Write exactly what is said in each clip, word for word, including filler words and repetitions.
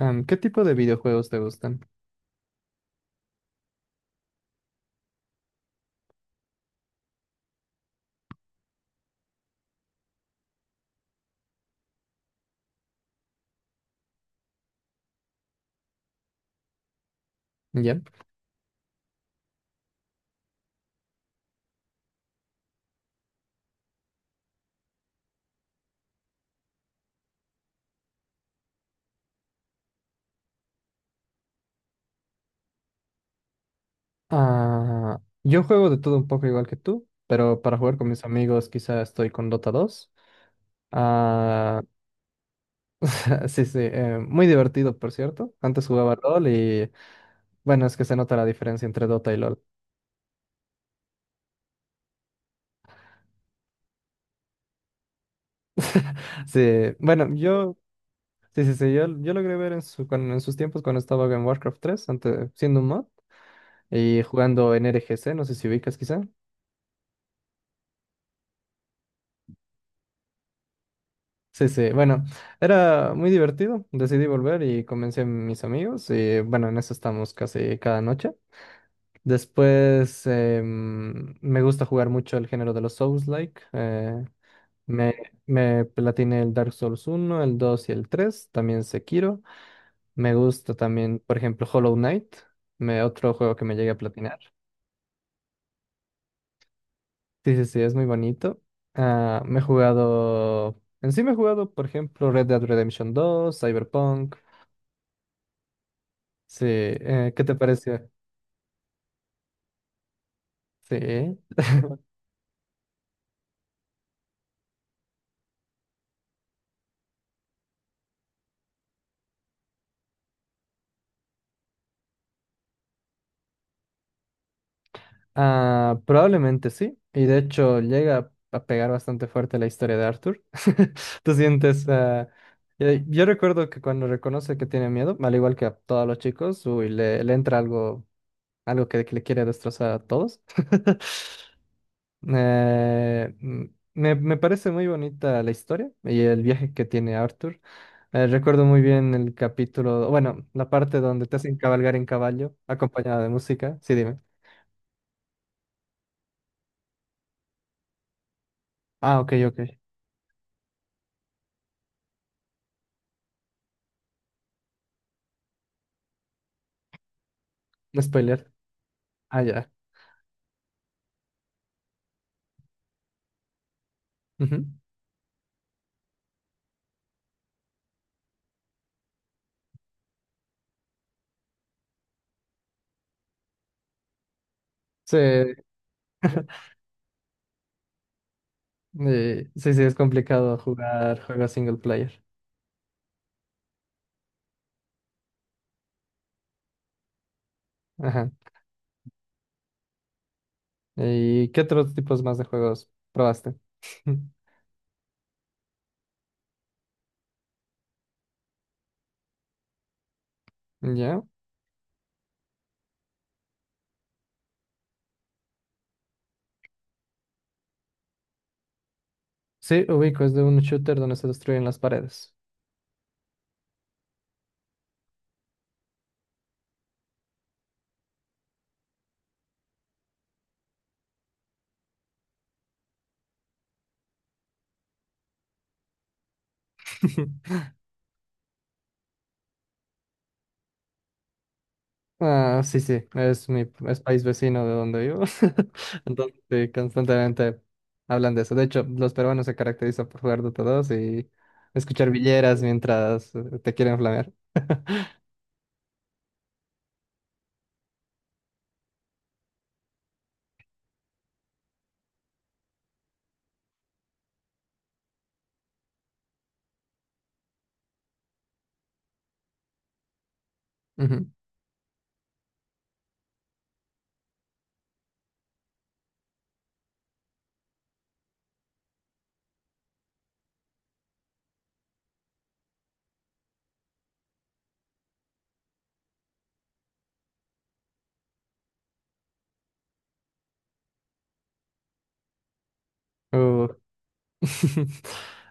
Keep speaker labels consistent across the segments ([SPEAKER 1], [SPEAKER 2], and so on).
[SPEAKER 1] Am, ¿qué tipo de videojuegos te gustan? ¿Ya? Ah, yo juego de todo un poco igual que tú, pero para jugar con mis amigos quizá estoy con Dota dos. Ah, sí, sí, eh, muy divertido, por cierto. Antes jugaba LOL y bueno, es que se nota la diferencia entre Dota y LOL. Sí, bueno, yo, sí, sí, sí, yo, yo logré ver en, su, cuan- en sus tiempos cuando estaba en Warcraft tres antes, siendo un mod y jugando en R G C, no sé si ubicas quizá. Sí, sí, bueno, era muy divertido. Decidí volver y convencí a mis amigos y bueno, en eso estamos casi cada noche. Después em, me gusta jugar mucho el género de los Souls-like. eh, me, me platiné el Dark Souls uno el dos y el tres también Sekiro. Me gusta también, por ejemplo, Hollow Knight, me, otro juego que me llegué a platinar. Sí, sí, sí, es muy bonito. Ah, me he jugado, en sí me he jugado, por ejemplo, Red Dead Redemption dos Cyberpunk. Sí, eh, ¿qué te pareció? Sí, ah, probablemente sí. Y de hecho llega a pegar bastante fuerte la historia de Arthur. ¿Tú sientes? Ah, eh, yo recuerdo que cuando reconoce que tiene miedo, al igual que a todos los chicos, uy, le, le entra algo, algo que, que le quiere destrozar a todos. Eh, mm, me, me parece muy bonita la historia y el viaje que tiene Arthur. Eh, recuerdo muy bien el capítulo, bueno, la parte donde te hacen cabalgar en caballo, acompañada de música. Sí, dime. Ah, ok, ok. No Spoiler. Ah, ya. Ujú. Sí, eh, sí, sí, es complicado jugar juegos single player. Ajá. ¿Y qué otros tipos más de juegos probaste? ¿Ya? Sí, ubico, es de un shooter donde se destruyen las paredes. Ah, sí, sí, es mi es país vecino de donde vivo. Entonces, sí, constantemente hablan de eso. De hecho, los peruanos se caracterizan por jugar Dota dos y escuchar villeras mientras eh, te quieren flamear. Ujú. Uh.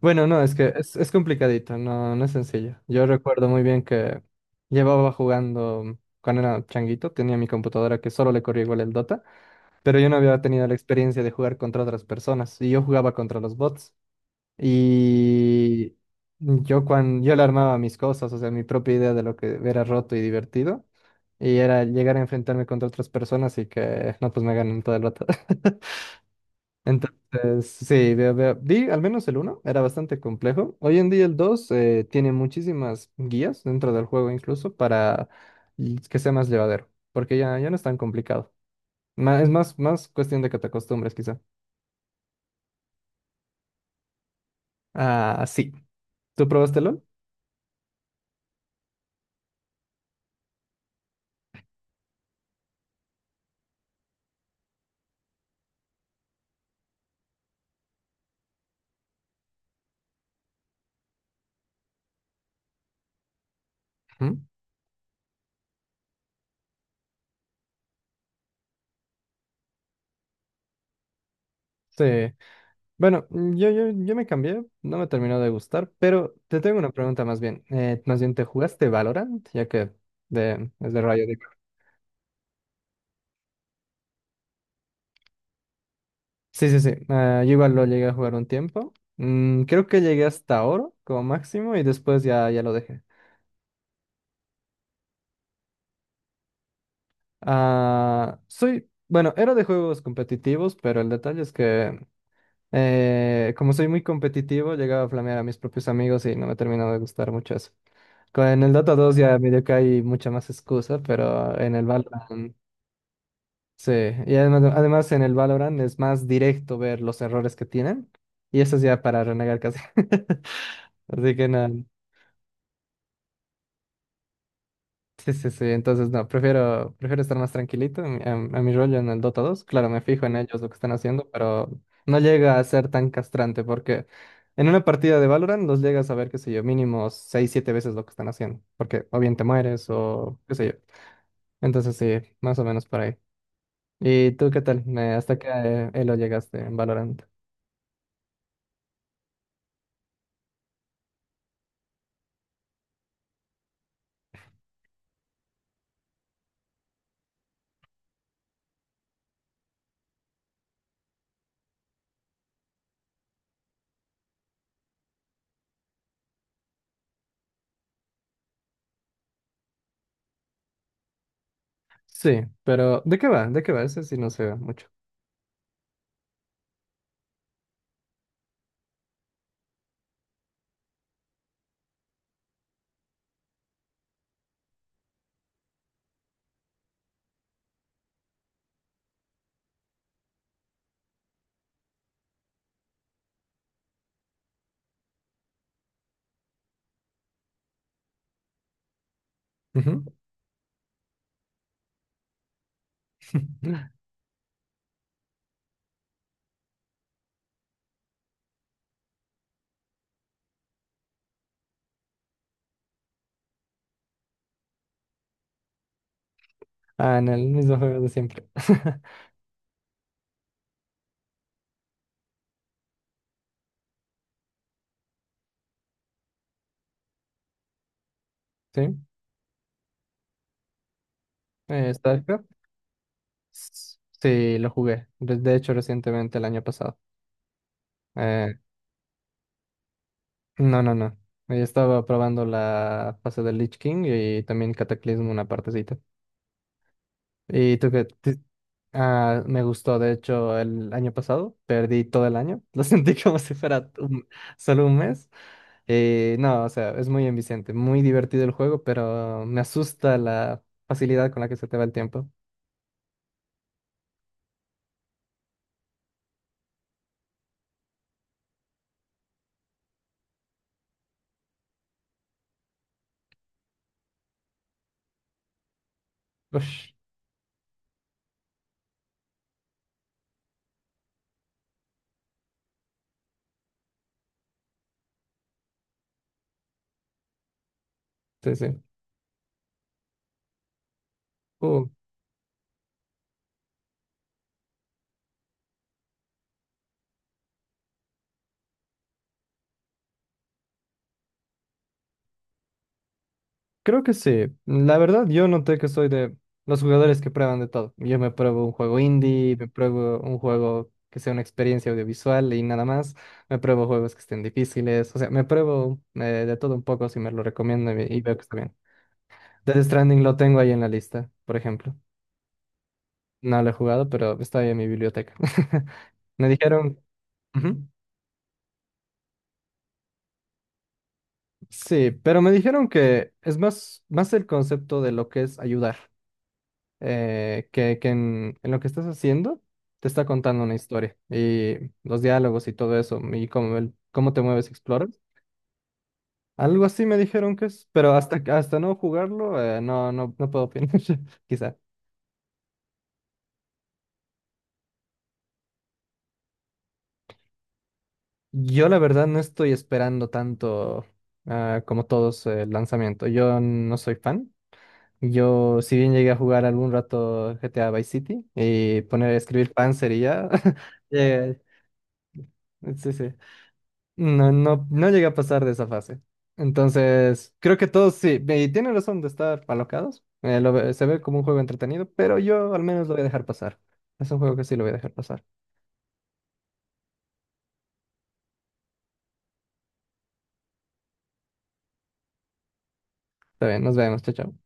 [SPEAKER 1] Bueno, no, es que es, es complicadito, no, no es sencillo. Yo recuerdo muy bien que llevaba jugando cuando era changuito, tenía mi computadora que solo le corría igual el Dota, pero yo no había tenido la experiencia de jugar contra otras personas y yo jugaba contra los bots. Y yo cuando yo le armaba mis cosas, o sea, mi propia idea de lo que era roto y divertido, y era llegar a enfrentarme contra otras personas y que no, pues me ganen todo el rato. Entonces, sí, veo, veo- vi al menos el uno era bastante complejo. Hoy en día el dos eh, tiene muchísimas guías dentro del juego incluso para y- que sea más llevadero, porque ya, ya no es tan complicado. Ma- es más, más cuestión de que te acostumbres quizá. Ah, sí. ¿Tú probaste LOL? Ujú. Sí. Bueno, mm, yo, yo, yo me cambié, no me terminó de gustar, pero te tengo una pregunta más bien. Eh, más bien, ¿te jugaste Valorant? Ya que de, es de Rayo Digo. Sí, sí, sí. Ah, yo igual lo llegué a jugar un tiempo. Mm, creo que llegué hasta oro como máximo y después ya, ya lo dejé. Ah, soy, bueno, era de juegos competitivos, pero el detalle es que eh, como soy muy competitivo, llegaba a flamear a mis propios amigos y no me terminó de gustar mucho eso. Con el Dota dos ya medio que hay mucha más excusa, pero en el Valorant, sí, y además, además en el Valorant es más directo ver los errores que tienen. Y eso es ya para renegar casi. Así que nada. Sí, sí, sí. Entonces, no, prefiero, prefiero estar más tranquilito a, mi a- a mi rollo en el Dota dos. Claro, me fijo en ellos lo que están haciendo, pero no llega a ser tan castrante porque en una partida de Valorant los llegas a ver, qué sé yo, mínimo seis siete veces lo que están haciendo. Porque o bien te mueres o qué sé yo. Entonces, sí, más o menos por ahí. ¿Y tú qué tal? Eh, ¿Hasta qué eh, elo llegaste en Valorant? Sí, pero ¿de qué va? ¿De qué va? Ese sí no se ve mucho. Ujú. Ah, en el mismo juego de siempre. Sí, eh, StarCraft. S- Sí, lo jugué. De de hecho, recientemente, el año pasado. Eh, no, no, no. Eh, Estaba probando la fase del Lich King y también Cataclismo una partecita. ¿Y tú qué? Ti- Ah, me gustó, de hecho, el año pasado. Perdí todo el año. Lo sentí como si fuera un- solo un mes. Eh, no, o sea, es muy enviciante, muy divertido el juego, pero me asusta la facilidad con la que se te va el tiempo. Ush, sí, sí. Uh, Creo que sí. La verdad, yo noté que soy de los jugadores que prueban de todo. Yo me pruebo un juego indie, me pruebo un juego que sea una experiencia audiovisual y nada más. Me pruebo juegos que estén difíciles. O sea, me pruebo eh, de todo un poco si me lo recomiendan y, y veo que está bien. Death Stranding lo tengo ahí en la lista, por ejemplo. No lo he jugado, pero está ahí en mi biblioteca. Me dijeron. Ujú. Sí, pero me dijeron que es más, más el concepto de lo que es ayudar, eh, que, que en, en lo que estás haciendo te está contando una historia y los diálogos y todo eso, y cómo, el- cómo te mueves, exploras. Algo así me dijeron que es, pero hasta, que- hasta no jugarlo, eh, no, no, no puedo opinar, quizá. Yo la verdad no estoy esperando tanto ah, como todos eh, el lanzamiento. Yo no soy fan. Yo, si bien llegué a jugar algún rato G T A Vice City y poner a escribir Panzer y ya, eh, sí, sí. No, no, no llegué a pasar de esa fase. Entonces, creo que todos sí, ve, y tienen razón de estar alocados. Eh, lo ve- se ve como un juego entretenido, pero yo al menos lo voy a dejar pasar. Es un juego que sí lo voy a dejar pasar. Está bien, nos vemos, chao, chao.